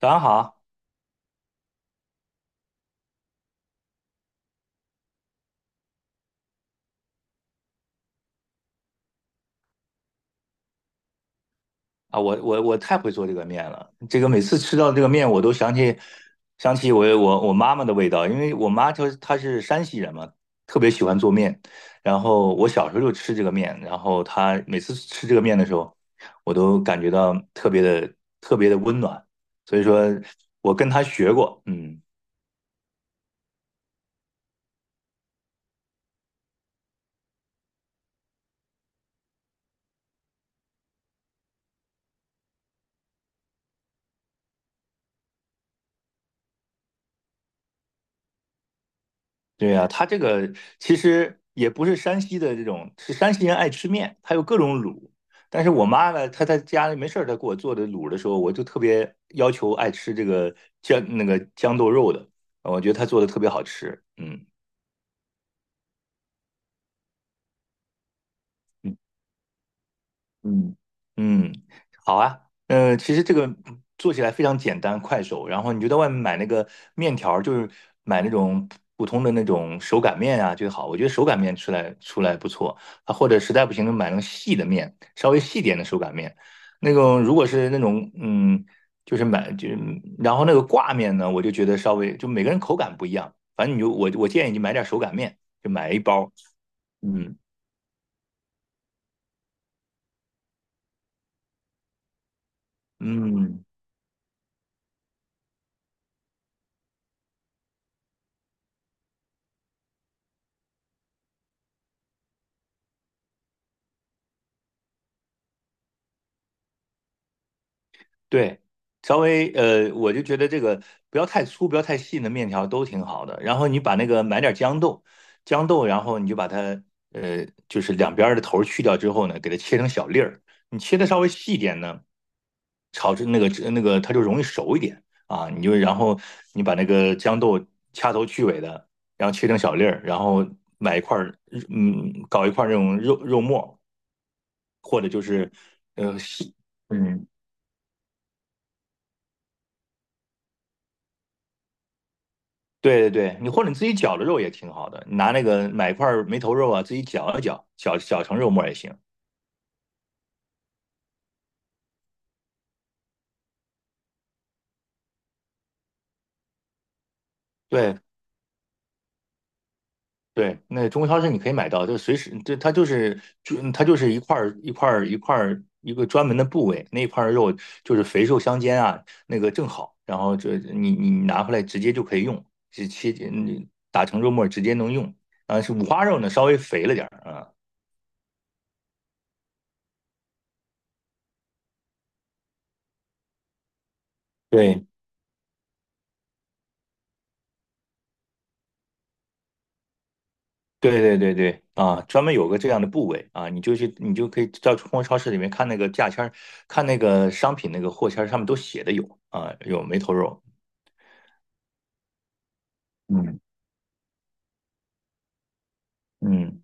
早上好啊！我太会做这个面了，这个每次吃到这个面，我都想起我妈妈的味道，因为我妈她是山西人嘛，特别喜欢做面。然后我小时候就吃这个面，然后她每次吃这个面的时候，我都感觉到特别的温暖。所以说我跟她学过，嗯。对呀、他这个其实也不是山西的这种，是山西人爱吃面，他有各种卤。但是我妈呢，她在家里没事儿，她给我做的卤的时候，我就特别要求爱吃这个姜那个豇豆肉的，我觉得她做的特别好吃。嗯，嗯嗯，好啊。其实这个做起来非常简单快手，然后你就在外面买那个面条儿就是买那种普通的那种手擀面啊最好。我觉得手擀面出来不错啊，或者实在不行就买那种细的面，稍微细点的手擀面。那种如果是那种嗯，就是买就然后那个挂面呢，我就觉得稍微就每个人口感不一样，反正你就我建议你买点手擀面，就买一包。嗯嗯。对，稍微我就觉得这个不要太粗，不要太细的面条都挺好的。然后你把那个买点豇豆，然后你就把它就是两边儿的头儿去掉之后呢，给它切成小粒儿。你切的稍微细一点呢，炒制那个它就容易熟一点啊。你就然后你把那个豇豆掐头去尾的，然后切成小粒儿，然后买一块儿搞一块儿那种肉末，或者就是细。嗯。对对对，你或者你自己绞的肉也挺好的，你拿那个买一块儿梅头肉啊，自己绞一绞，绞成肉末也行。对对，那中国超市你可以买到，就随时这它就是就它就是一块儿一个专门的部位，那一块儿肉就是肥瘦相间啊，那个正好，然后这你拿回来直接就可以用，是切你打成肉末直接能用。啊，是五花肉呢，稍微肥了点儿啊。对对对对对啊，专门有个这样的部位啊，你就去，你就可以到物超市里面看那个价签儿，看那个商品那个货签儿上面都写的有啊，有梅头肉。嗯嗯。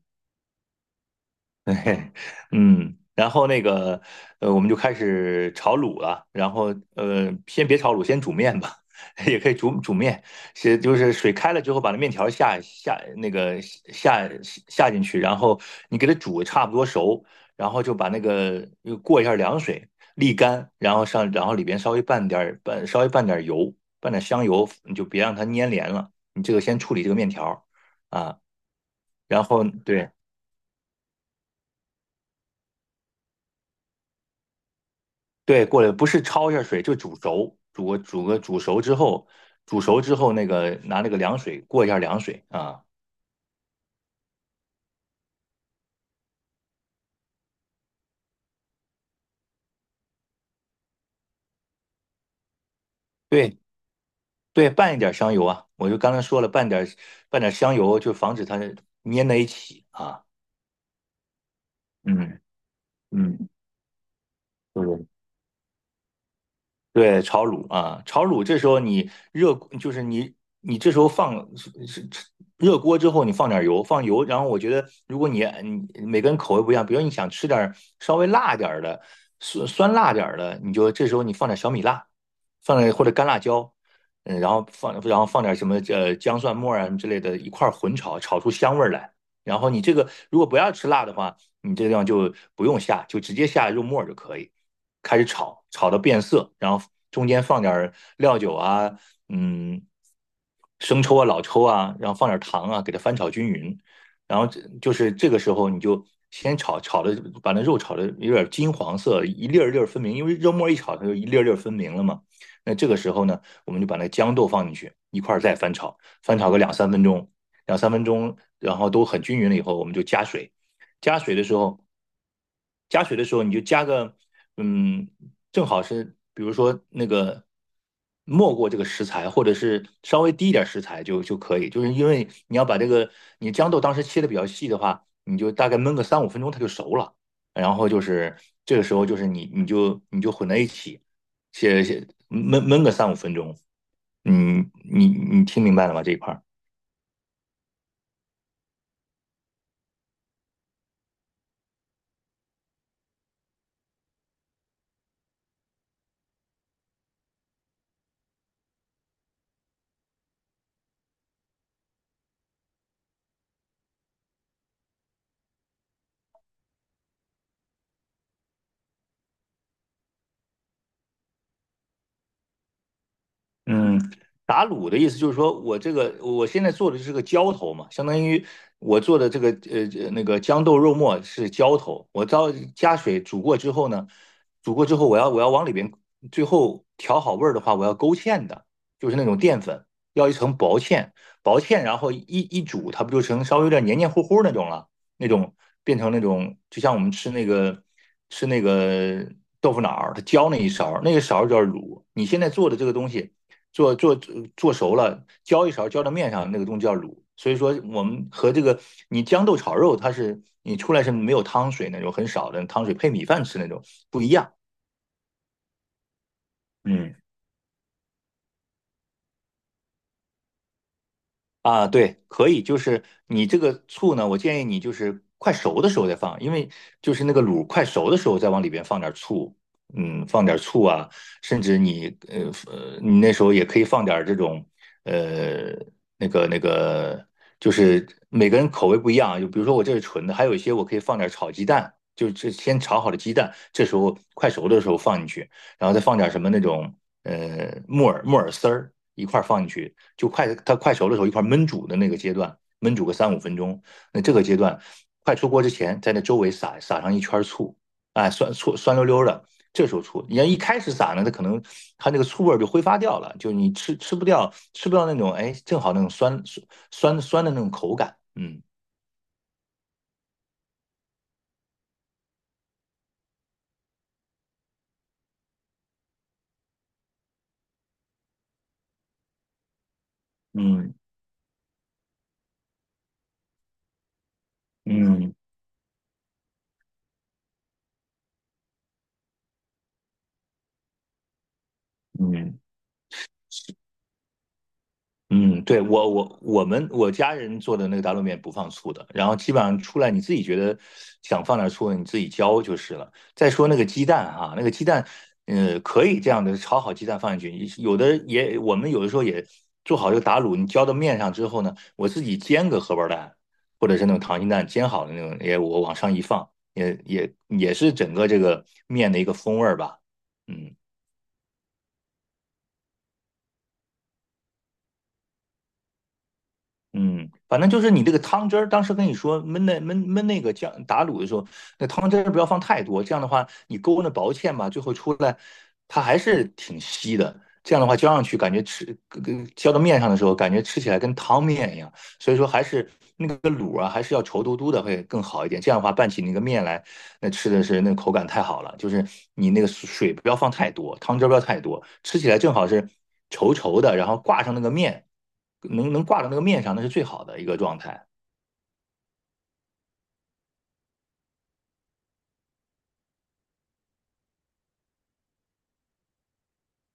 嘿嘿，嗯，然后那个，我们就开始炒卤了。然后，先别炒卤，先煮面吧，也可以煮煮面。是就是水开了之后，把那面条下下那个下下进去，然后你给它煮差不多熟，然后就把那个又过一下凉水沥干，然后然后里边稍微拌点儿油，拌点香油，你就别让它粘连了。你这个先处理这个面条儿啊，然后对。对，过了不是焯一下水，就煮熟，煮熟之后，煮熟之后那个拿那个凉水过一下凉水啊，对对，拌一点香油啊，我就刚才说了，拌点香油，就防止它粘在一起啊。嗯嗯，对对，炒卤啊，炒卤这时候你热，就是你这时候是热锅之后，你放点油，放油，然后我觉得如果你每个人口味不一样，比如你想吃点儿稍微辣点儿的，酸酸辣点儿的，你就这时候你放点小米辣，放点或者干辣椒，嗯，然后然后放点什么姜蒜末啊之类的，一块儿混炒，炒出香味儿来。然后你这个如果不要吃辣的话。你这个地方就不用下，就直接下肉末就可以。开始炒，炒到变色，然后中间放点料酒啊，嗯，生抽啊、老抽啊，然后放点糖啊，给它翻炒均匀。然后就是这个时候，你就先炒炒的，把那肉炒的有点金黄色，一粒儿一粒儿分明，因为肉末一炒，它就一粒儿一粒儿分明了嘛。那这个时候呢，我们就把那豇豆放进去，一块儿再翻炒，翻炒个两三分钟，然后都很均匀了以后，我们就加水。加水的时候，加水的时候你就加个嗯，正好是比如说那个没过这个食材，或者是稍微低一点食材就可以，就是因为你要把这个你豇豆当时切的比较细的话，你就大概焖个三五分钟它就熟了，然后就是这个时候就是你就混在一起，切切焖焖个三五分钟，嗯，你听明白了吗这一块儿？嗯，打卤的意思就是说我这个我现在做的是个浇头嘛，相当于我做的这个那个豇豆肉末是浇头，我到加水煮过之后呢，煮过之后我要往里边最后调好味儿的话，我要勾芡的，就是那种淀粉，要一层薄芡，然后一煮，它不就成稍微有点黏黏糊糊那种了，那种变成那种就像我们吃那个吃那个豆腐脑儿，它浇那一勺儿，那个勺儿叫卤，你现在做的这个东西。做做做熟了，浇一勺浇到面上，那个东西叫卤。所以说，我们和这个你豇豆炒肉，它是你出来是没有汤水那种，很少的汤水配米饭吃那种不一样。嗯。啊，对，可以，就是你这个醋呢，我建议你就是快熟的时候再放，因为就是那个卤快熟的时候再往里边放点醋，放点醋啊，甚至你你那时候也可以放点这种呃那个那个，就是每个人口味不一样啊，就比如说我这是纯的，还有一些我可以放点炒鸡蛋，就这先炒好的鸡蛋，这时候快熟的时候放进去，然后再放点什么那种木耳丝儿一块儿放进去。就快它快熟的时候一块焖煮的那个阶段，焖煮个三五分钟。那这个阶段快出锅之前，在那周围撒上一圈醋，哎，酸醋酸溜溜的。这时候醋，你要一开始撒呢，它可能它那个醋味就挥发掉了，就你吃不掉，吃不到那种哎，正好那种酸酸酸酸的那种口感。嗯嗯嗯嗯。嗯嗯，对，我家人做的那个打卤面不放醋的，然后基本上出来你自己觉得想放点醋，你自己浇就是了。再说那个鸡蛋哈、那个鸡蛋，可以这样的炒好鸡蛋放进去，有的也我们有的时候也做好这个打卤，你浇到面上之后呢，我自己煎个荷包蛋，或者是那种溏心蛋煎好的那种，也我往上一放，也是整个这个面的一个风味儿吧。嗯嗯，反正就是你这个汤汁儿，当时跟你说焖那个酱打卤的时候，那汤汁儿不要放太多，这样的话你勾那薄芡吧，最后出来它还是挺稀的。这样的话浇上去，感觉吃跟浇到面上的时候，感觉吃起来跟汤面一样。所以说还是那个卤啊，还是要稠嘟嘟的会更好一点。这样的话拌起那个面来，那吃的是那口感太好了，就是你那个水不要放太多，汤汁不要太多，吃起来正好是稠稠的，然后挂上那个面，能挂到那个面上，那是最好的一个状态。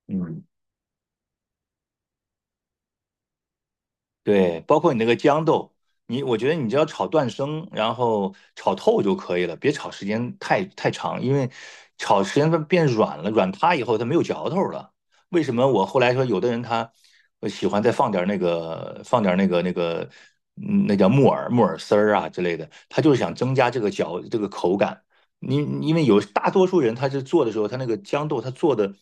嗯。对，包括你那个豇豆，你我觉得你只要炒断生，然后炒透就可以了，别炒时间太长，因为炒时间它变软了，软塌以后它没有嚼头了。为什么我后来说有的人他喜欢再放点那叫木耳丝儿啊之类的，他就是想增加这个嚼这个口感。你因为有大多数人，他是做的时候，他那个豇豆他做的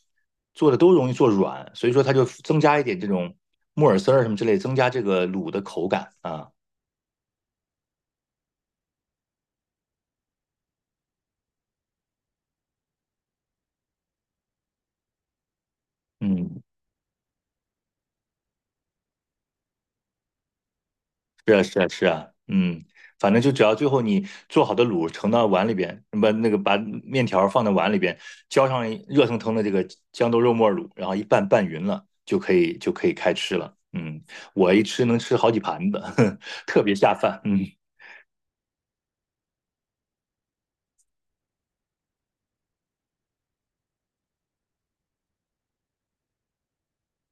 做的都容易做软，所以说他就增加一点这种木耳丝儿什么之类，增加这个卤的口感啊。嗯，是啊，是啊，是啊，嗯，反正就只要最后你做好的卤盛到碗里边，把那个把面条放到碗里边，浇上热腾腾的这个豇豆肉沫卤，然后一拌拌匀了，就可以开吃了。嗯，我一吃能吃好几盘子，特别下饭。嗯，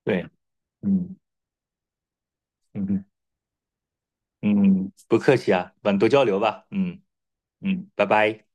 对，嗯嗯。嗯，不客气啊，我们多交流吧。嗯嗯，拜拜。